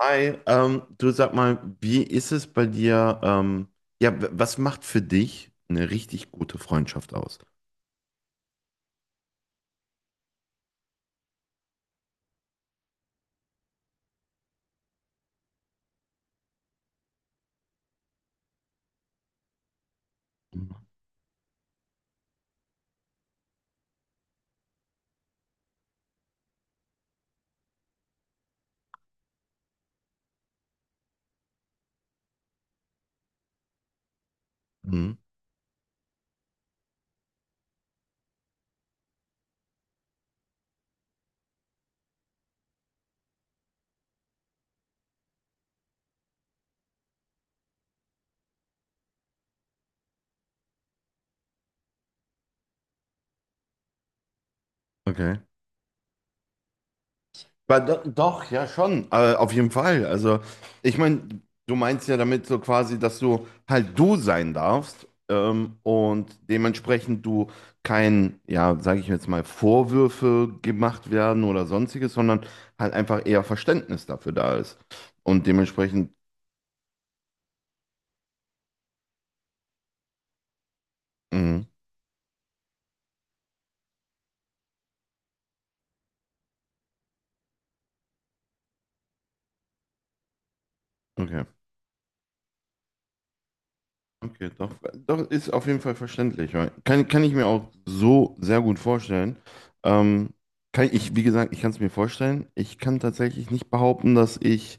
Hi, du sag mal, wie ist es bei dir? Ja, was macht für dich eine richtig gute Freundschaft aus? Mhm. Mhm. Okay. Weil doch, ja schon, auf jeden Fall. Also, ich meine, du meinst ja damit so quasi, dass du halt du sein darfst und dementsprechend du kein, ja, sage ich jetzt mal, Vorwürfe gemacht werden oder sonstiges, sondern halt einfach eher Verständnis dafür da ist. Und dementsprechend, mhm, okay. Okay, doch ist auf jeden Fall verständlich. Ja. Kann ich mir auch so sehr gut vorstellen. Ähm, kann ich, wie gesagt, ich kann es mir vorstellen. Ich kann tatsächlich nicht behaupten, dass ich,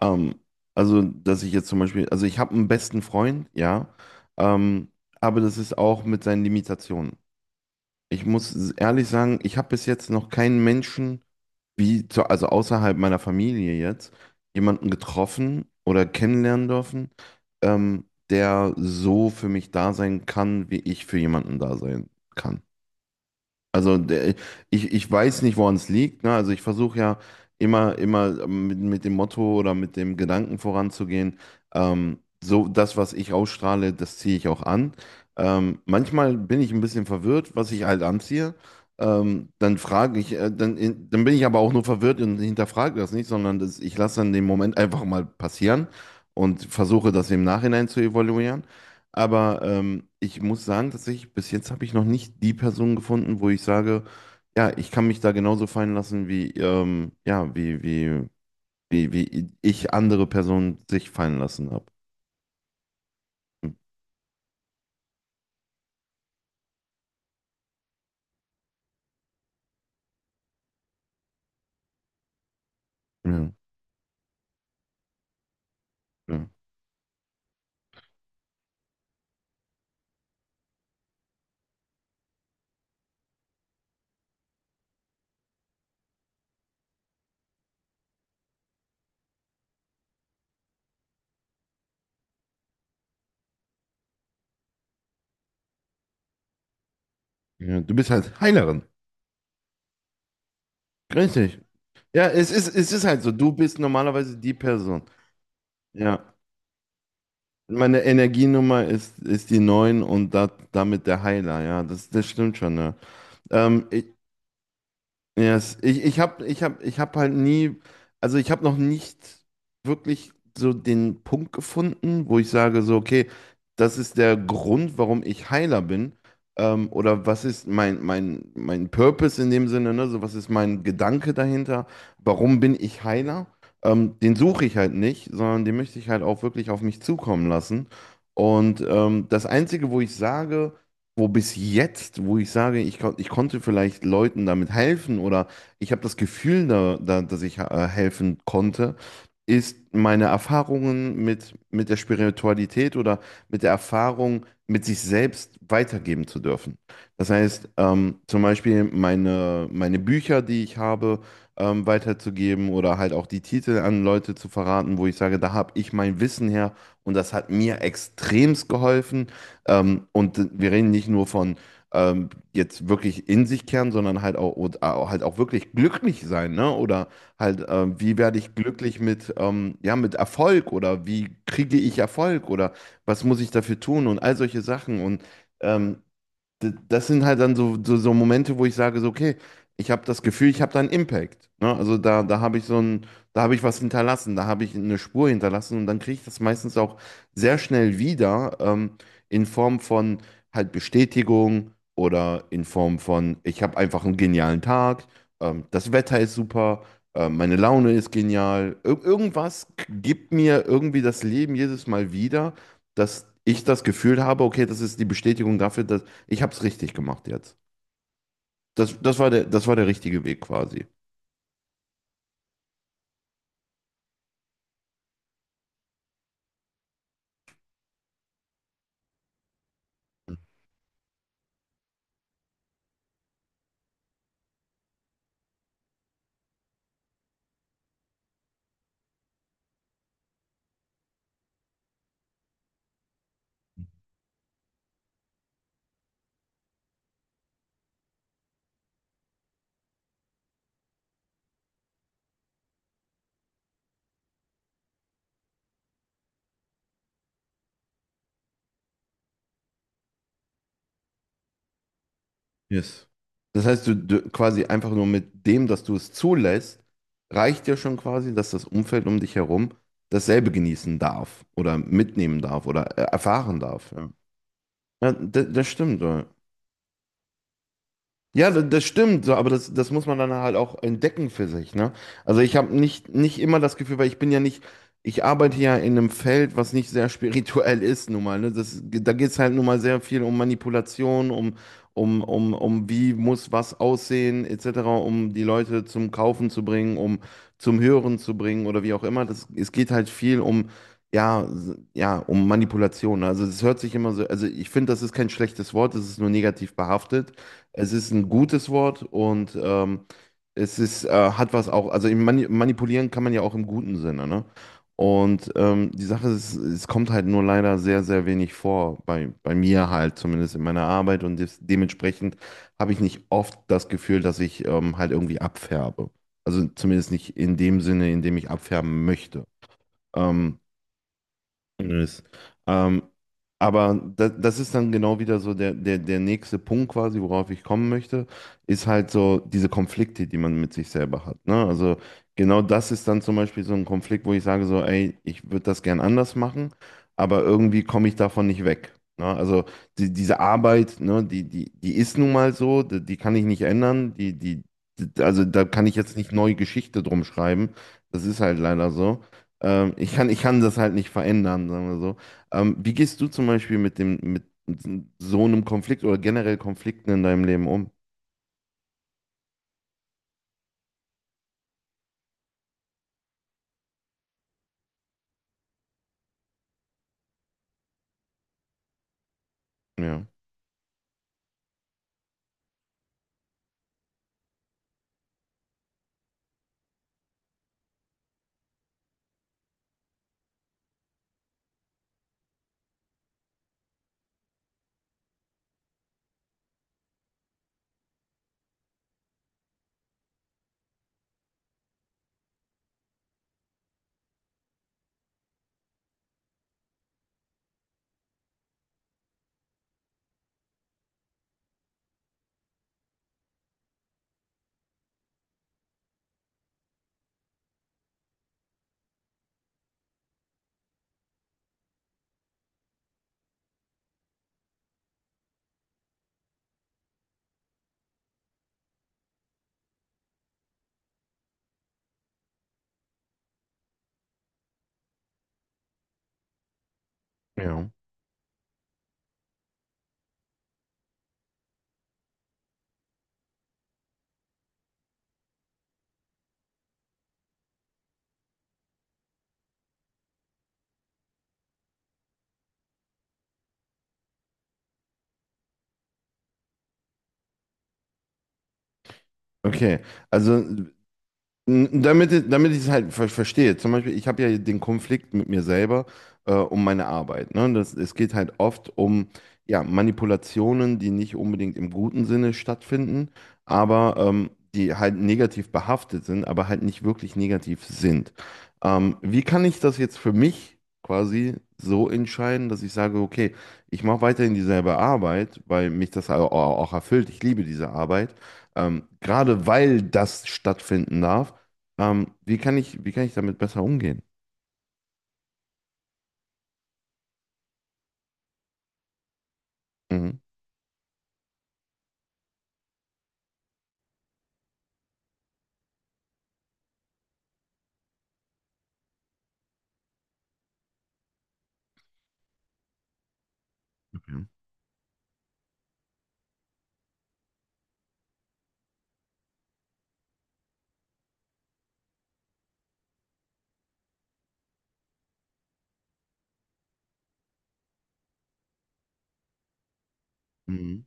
ähm, also, dass ich jetzt zum Beispiel, also ich habe einen besten Freund, ja, ähm, aber das ist auch mit seinen Limitationen. Ich muss ehrlich sagen, ich habe bis jetzt noch keinen Menschen also außerhalb meiner Familie jetzt, jemanden getroffen oder kennenlernen dürfen, der so für mich da sein kann, wie ich für jemanden da sein kann. Also der, ich weiß nicht, woran es liegt. Ne? Also ich versuche ja immer mit dem Motto oder mit dem Gedanken voranzugehen. So das, was ich ausstrahle, das ziehe ich auch an. Manchmal bin ich ein bisschen verwirrt, was ich halt anziehe. Dann frage ich, dann bin ich aber auch nur verwirrt und hinterfrage das nicht, sondern das, ich lasse dann den Moment einfach mal passieren und versuche das im Nachhinein zu evaluieren. Aber ich muss sagen, tatsächlich, bis jetzt habe ich noch nicht die Person gefunden, wo ich sage, ja, ich kann mich da genauso fallen lassen, wie, ja, wie ich andere Personen sich fallen lassen habe. Ja, ja, ja. Du bist halt Heilerin. Richtig. Ja, es ist halt so. Du bist normalerweise die Person. Ja. Meine Energienummer ist die 9 und da, damit der Heiler. Ja, das stimmt schon. Ja. Ich, Yes. Ich hab halt nie, also ich habe noch nicht wirklich so den Punkt gefunden, wo ich sage so, okay, das ist der Grund, warum ich Heiler bin. Oder was ist mein Purpose in dem Sinne, ne? So, was ist mein Gedanke dahinter? Warum bin ich Heiler? Den suche ich halt nicht, sondern den möchte ich halt auch wirklich auf mich zukommen lassen. Und das Einzige, wo ich sage, wo bis jetzt, wo ich sage, ich konnte vielleicht Leuten damit helfen oder ich habe das Gefühl, da, dass ich helfen konnte, ist meine Erfahrungen mit der Spiritualität oder mit der Erfahrung, mit sich selbst weitergeben zu dürfen. Das heißt, zum Beispiel meine Bücher, die ich habe, weiterzugeben oder halt auch die Titel an Leute zu verraten, wo ich sage, da habe ich mein Wissen her und das hat mir extremst geholfen. Und wir reden nicht nur von jetzt wirklich in sich kehren, sondern halt halt auch wirklich glücklich sein, ne? Oder halt, wie werde ich glücklich mit, ja, mit Erfolg oder wie kriege ich Erfolg oder was muss ich dafür tun und all solche Sachen. Und ähm, das sind halt dann so Momente, wo ich sage, so, okay, ich habe das Gefühl, ich habe da einen Impact. Ne? Also da habe ich so ein, da habe ich was hinterlassen, da habe ich eine Spur hinterlassen und dann kriege ich das meistens auch sehr schnell wieder, in Form von halt Bestätigung oder in Form von, ich habe einfach einen genialen Tag, das Wetter ist super. Meine Laune ist genial. Ir irgendwas gibt mir irgendwie das Leben jedes Mal wieder, dass ich das Gefühl habe, okay, das ist die Bestätigung dafür, dass ich habe es richtig gemacht jetzt. Das war der, das war der richtige Weg quasi. Yes. Das heißt, du quasi einfach nur mit dem, dass du es zulässt, reicht dir schon quasi, dass das Umfeld um dich herum dasselbe genießen darf oder mitnehmen darf oder erfahren darf. Ja, ja das stimmt. Ja. Ja, das stimmt, so, aber das muss man dann halt auch entdecken für sich, ne? Also ich habe nicht immer das Gefühl, weil ich bin ja nicht, ich arbeite ja in einem Feld, was nicht sehr spirituell ist, nun mal, ne? Da geht es halt nun mal sehr viel um Manipulation, um wie muss was aussehen, etc., um die Leute zum Kaufen zu bringen, um zum Hören zu bringen oder wie auch immer. Es geht halt viel um, ja, ja, um Manipulation. Also es hört sich immer so, also ich finde, das ist kein schlechtes Wort, es ist nur negativ behaftet. Es ist ein gutes Wort und hat was auch, also im manipulieren kann man ja auch im guten Sinne, ne? Und die Sache ist, es kommt halt nur leider sehr, sehr wenig vor, bei mir halt, zumindest in meiner Arbeit und dementsprechend habe ich nicht oft das Gefühl, dass ich halt irgendwie abfärbe. Also zumindest nicht in dem Sinne, in dem ich abfärben möchte. Ähm, Nös. Ähm, aber das ist dann genau wieder so der nächste Punkt quasi, worauf ich kommen möchte, ist halt so diese Konflikte, die man mit sich selber hat. Ne? Also genau das ist dann zum Beispiel so ein Konflikt, wo ich sage so, ey, ich würde das gern anders machen, aber irgendwie komme ich davon nicht weg. Ne? Also diese Arbeit, ne, die ist nun mal so, die kann ich nicht ändern, also da kann ich jetzt nicht neue Geschichte drum schreiben. Das ist halt leider so. Ich kann das halt nicht verändern, sagen wir so. Wie gehst du zum Beispiel mit so einem Konflikt oder generell Konflikten in deinem Leben um? Ja, ja. Okay, also damit ich es halt verstehe. Zum Beispiel, ich habe ja den Konflikt mit mir selber um meine Arbeit. Ne? Es geht halt oft um ja, Manipulationen, die nicht unbedingt im guten Sinne stattfinden, aber die halt negativ behaftet sind, aber halt nicht wirklich negativ sind. Wie kann ich das jetzt für mich quasi so entscheiden, dass ich sage, okay, ich mache weiterhin dieselbe Arbeit, weil mich das auch erfüllt. Ich liebe diese Arbeit. Gerade weil das stattfinden darf. Wie kann ich damit besser umgehen? Mhm. Okay. Mhm.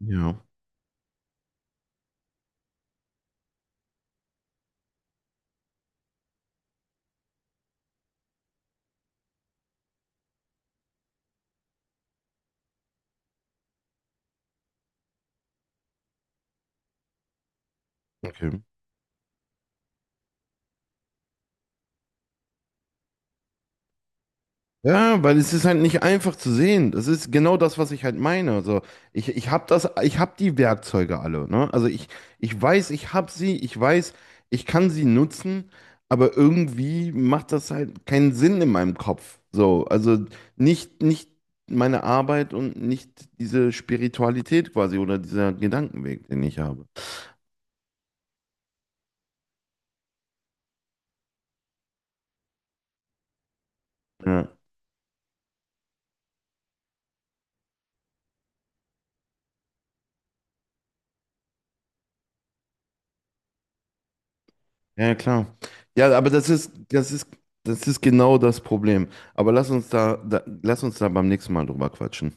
Ja, okay. Ja, weil es ist halt nicht einfach zu sehen. Das ist genau das, was ich halt meine. Also ich habe das, ich habe die Werkzeuge alle, ne? Also ich weiß, ich habe sie, ich weiß, ich kann sie nutzen, aber irgendwie macht das halt keinen Sinn in meinem Kopf. So, also nicht meine Arbeit und nicht diese Spiritualität quasi oder dieser Gedankenweg, den ich habe. Ja. Ja, ja, klar. Ja, aber das ist genau das Problem. Aber lass uns da beim nächsten Mal drüber quatschen.